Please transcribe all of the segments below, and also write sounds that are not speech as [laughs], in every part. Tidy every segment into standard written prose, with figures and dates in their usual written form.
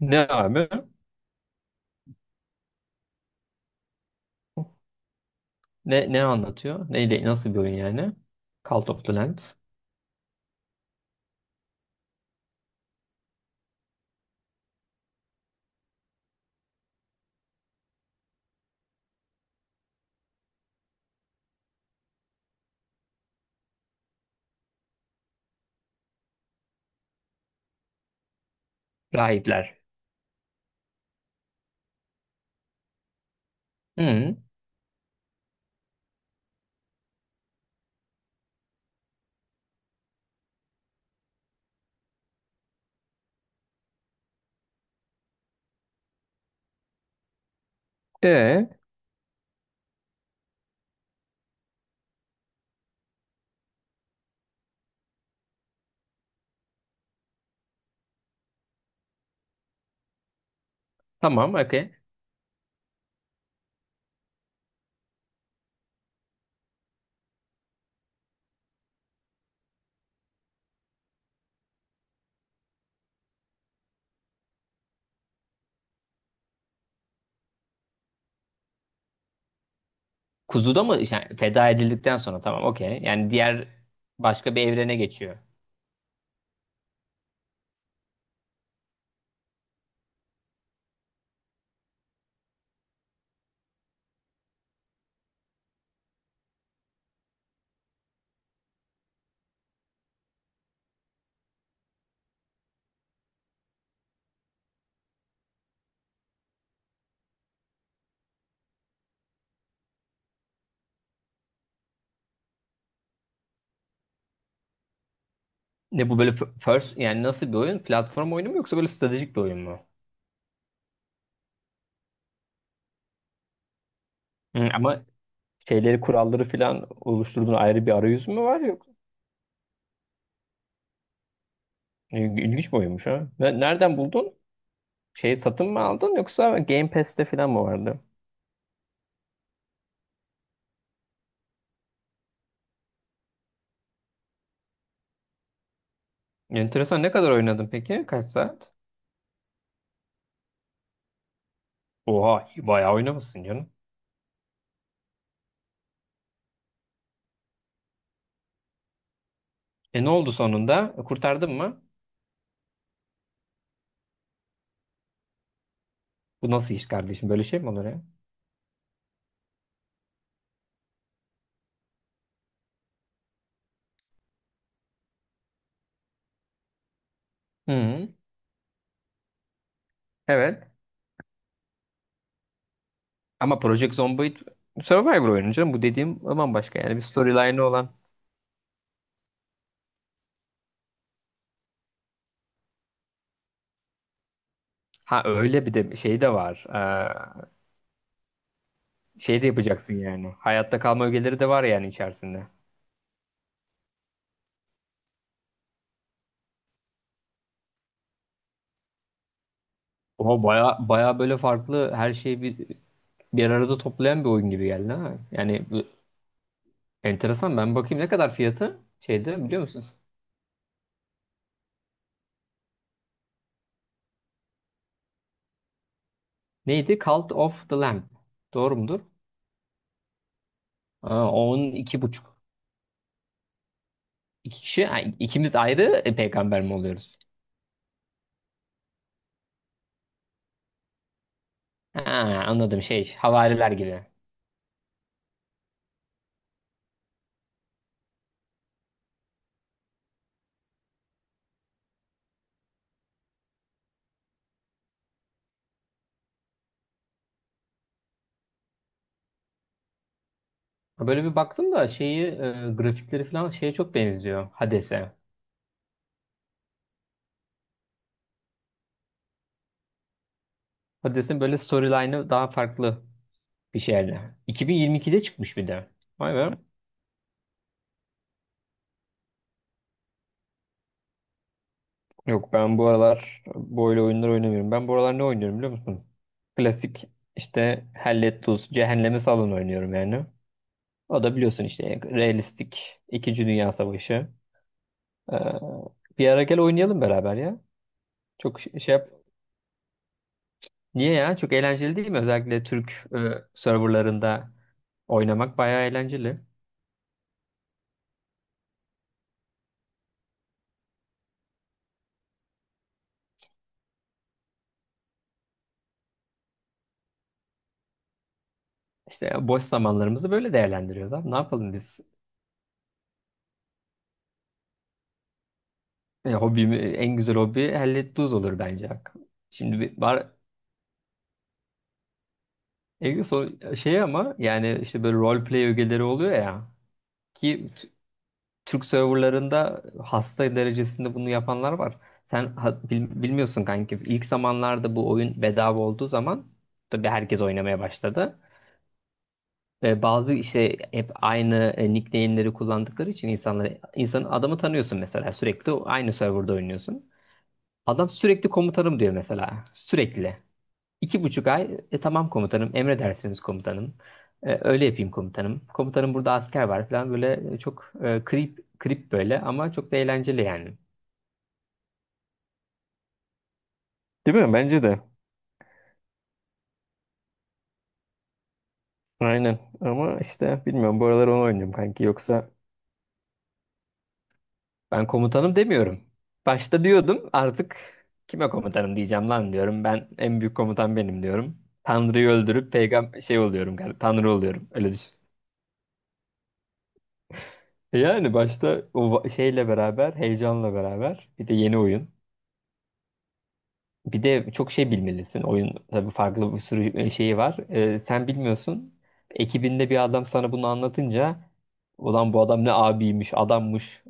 Ne abi? Ne anlatıyor? Neyle, nasıl bir oyun yani? Cult of the Land. Rahipler. Hı. E, tamam, okey. Kuzuda mı? Yani feda edildikten sonra tamam, okey. Yani diğer başka bir evrene geçiyor. Ne bu böyle first yani nasıl bir oyun? Platform oyunu mu yoksa böyle stratejik bir oyun mu? Hı, ama şeyleri kuralları falan oluşturduğun ayrı bir arayüz mü var yok? İlginç bir oyunmuş ha. Nereden buldun? Şeyi satın mı aldın yoksa Game Pass'te falan mı vardı? Enteresan, ne kadar oynadın peki? Kaç saat? Oha bayağı oynamışsın canım. E ne oldu sonunda? Kurtardın mı? Bu nasıl iş kardeşim? Böyle şey mi olur ya? Hı, evet. Ama Project Zomboid Survivor oyunu canım. Bu dediğim bambaşka yani. Bir storyline'ı olan. Ha, öyle bir de şey de var. Şey de yapacaksın yani. Hayatta kalma ögeleri de var yani içerisinde. Oha baya baya böyle farklı her şeyi bir arada toplayan bir oyun gibi geldi ha. Yani enteresan. Ben bakayım ne kadar fiyatı şeyde, biliyor musunuz? Neydi? Cult of the Lamb. Doğru mudur? Aa, 12,5. İki kişi, ha, ikimiz ayrı peygamber mi oluyoruz? Ha, anladım şey, havariler gibi. Ha, böyle bir baktım da şeyi, grafikleri falan şeye çok benziyor Hades'e. Hades'in böyle storyline'ı daha farklı bir şeyde. 2022'de çıkmış bir de. Vay be. Yok, ben bu aralar böyle oyunlar oynamıyorum. Ben bu aralar ne oynuyorum biliyor musun? Klasik işte Hell Let Cehenneme Salın oynuyorum yani. O da biliyorsun işte realistik İkinci Dünya Savaşı. Ee, Bir ara gel oynayalım beraber ya. Çok şey yap. Niye ya? Çok eğlenceli değil mi? Özellikle Türk serverlarında oynamak bayağı eğlenceli. İşte boş zamanlarımızı böyle değerlendiriyoruz abi. Ne yapalım biz? Hobimi, en güzel hobi hellet duz olur bence. Şimdi bir var Egil, şey ama yani işte böyle role play ögeleri oluyor ya ki Türk serverlarında hasta derecesinde bunu yapanlar var. Sen bilmiyorsun kanki. İlk zamanlarda bu oyun bedava olduğu zaman tabii herkes oynamaya başladı. Ve bazı işte hep aynı nickname'leri kullandıkları için insanları, insan adamı tanıyorsun mesela, sürekli aynı serverda oynuyorsun. Adam sürekli komutanım diyor mesela. Sürekli. 2,5 ay. Tamam komutanım, emredersiniz komutanım. Öyle yapayım komutanım. Komutanım burada asker var falan böyle, çok krip krip, böyle ama çok da eğlenceli yani. Değil mi? Bence de. Aynen. Ama işte bilmiyorum. Bu aralar onu oynuyorum kanki. Yoksa ben komutanım demiyorum. Başta diyordum, artık kime komutanım diyeceğim lan diyorum. Ben en büyük komutan benim diyorum. Tanrı'yı öldürüp peygamber şey oluyorum galiba. Tanrı oluyorum. Öyle düşün. Yani başta o şeyle beraber, heyecanla beraber, bir de yeni oyun. Bir de çok şey bilmelisin. Oyun tabii farklı, bir sürü şeyi var. Sen bilmiyorsun. Ekibinde bir adam sana bunu anlatınca, ulan bu adam ne abiymiş, adammış,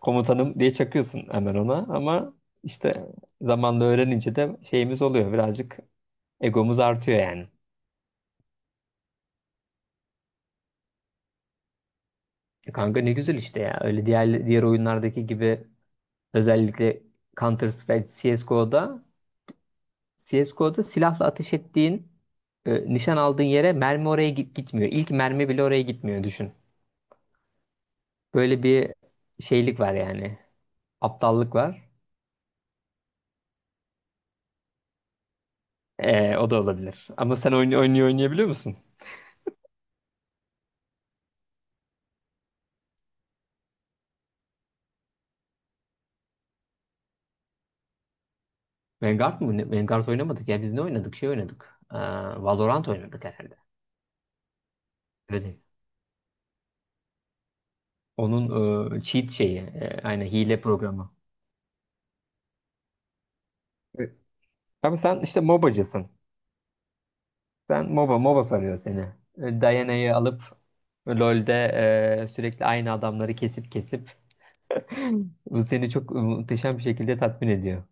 komutanım diye çakıyorsun hemen ona. Ama işte zamanla öğrenince de şeyimiz oluyor. Birazcık egomuz artıyor yani. Kanka ne güzel işte ya. Öyle diğer diğer oyunlardaki gibi, özellikle Counter Strike, CS:GO'da CSGO'da silahla ateş ettiğin, nişan aldığın yere mermi oraya gitmiyor. İlk mermi bile oraya gitmiyor, düşün. Böyle bir şeylik var yani. Aptallık var. O da olabilir. Ama sen oyun oynayabiliyor musun? Vanguard mı? Vanguard oynamadık ya. Biz ne oynadık? Şey oynadık. Valorant oynadık herhalde. Evet. Onun cheat şeyi. Aynen, hile programı. Evet. Ama sen işte MOBA'cısın. Sen MOBA sarıyor seni. Diana'yı alıp LoL'de sürekli aynı adamları kesip kesip [laughs] bu seni çok muhteşem bir şekilde tatmin ediyor.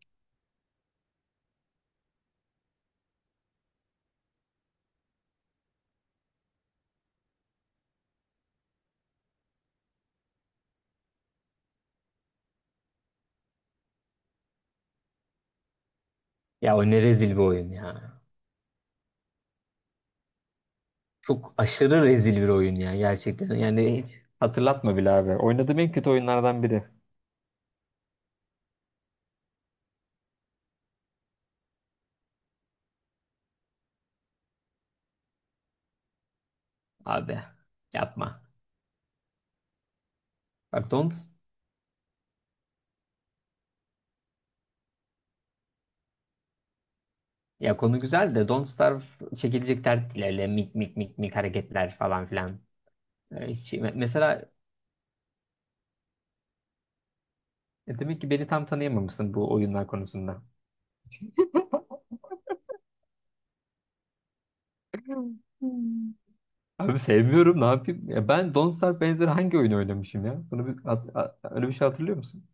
Ya o ne rezil bir oyun ya. Çok aşırı rezil bir oyun ya gerçekten. Yani hiç hatırlatma bile abi. Oynadığım en kötü oyunlardan biri. Abi yapma. Bak Don't, ya konu güzel de Don't Starve çekilecek dert değil, öyle mik mik mik mik hareketler falan filan. Hiç, mesela demek ki beni tam tanıyamamışsın bu oyunlar konusunda. Hmm. Hmm. Abi sevmiyorum, ne yapayım? Ya ben Don't Starve benzeri hangi oyunu oynamışım ya? Bunu öyle bir şey hatırlıyor musun?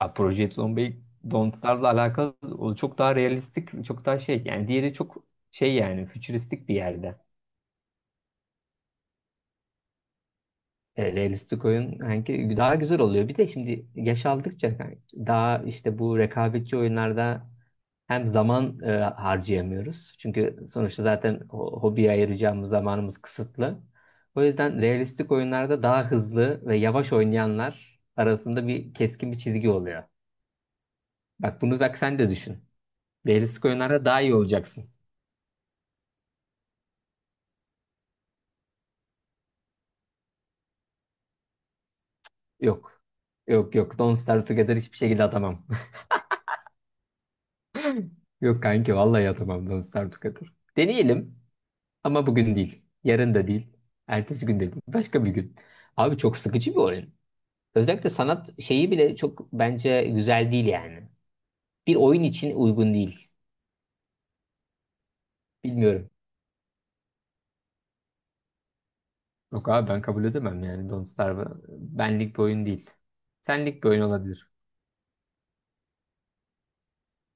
A, Project Zomboid Don't Starve'la alakalı, o çok daha realistik, çok daha şey yani, diğeri çok şey yani, fütüristik bir yerde. Realistik oyun hangi daha güzel oluyor. Bir de şimdi yaş aldıkça kanki, daha işte bu rekabetçi oyunlarda hem zaman harcayamıyoruz. Çünkü sonuçta zaten hobiye ayıracağımız zamanımız kısıtlı. O yüzden realistik oyunlarda, daha hızlı ve yavaş oynayanlar arasında bir keskin bir çizgi oluyor. Bak bunu, bak sen de düşün. Realistik oyunlarda daha iyi olacaksın. Yok. Yok yok. Don't Starve Together hiçbir şekilde atamam. [laughs] Yok kanki vallahi atamam Don't Starve Together. Deneyelim. Ama bugün değil. Yarın da değil. Ertesi gün de değil. Başka bir gün. Abi çok sıkıcı bir oyun. Özellikle sanat şeyi bile çok bence güzel değil yani. Bir oyun için uygun değil. Bilmiyorum. Yok abi ben kabul edemem yani, Don't Starve benlik bir oyun değil. Senlik bir oyun olabilir.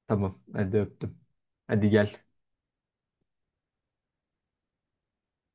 Tamam hadi öptüm. Hadi gel.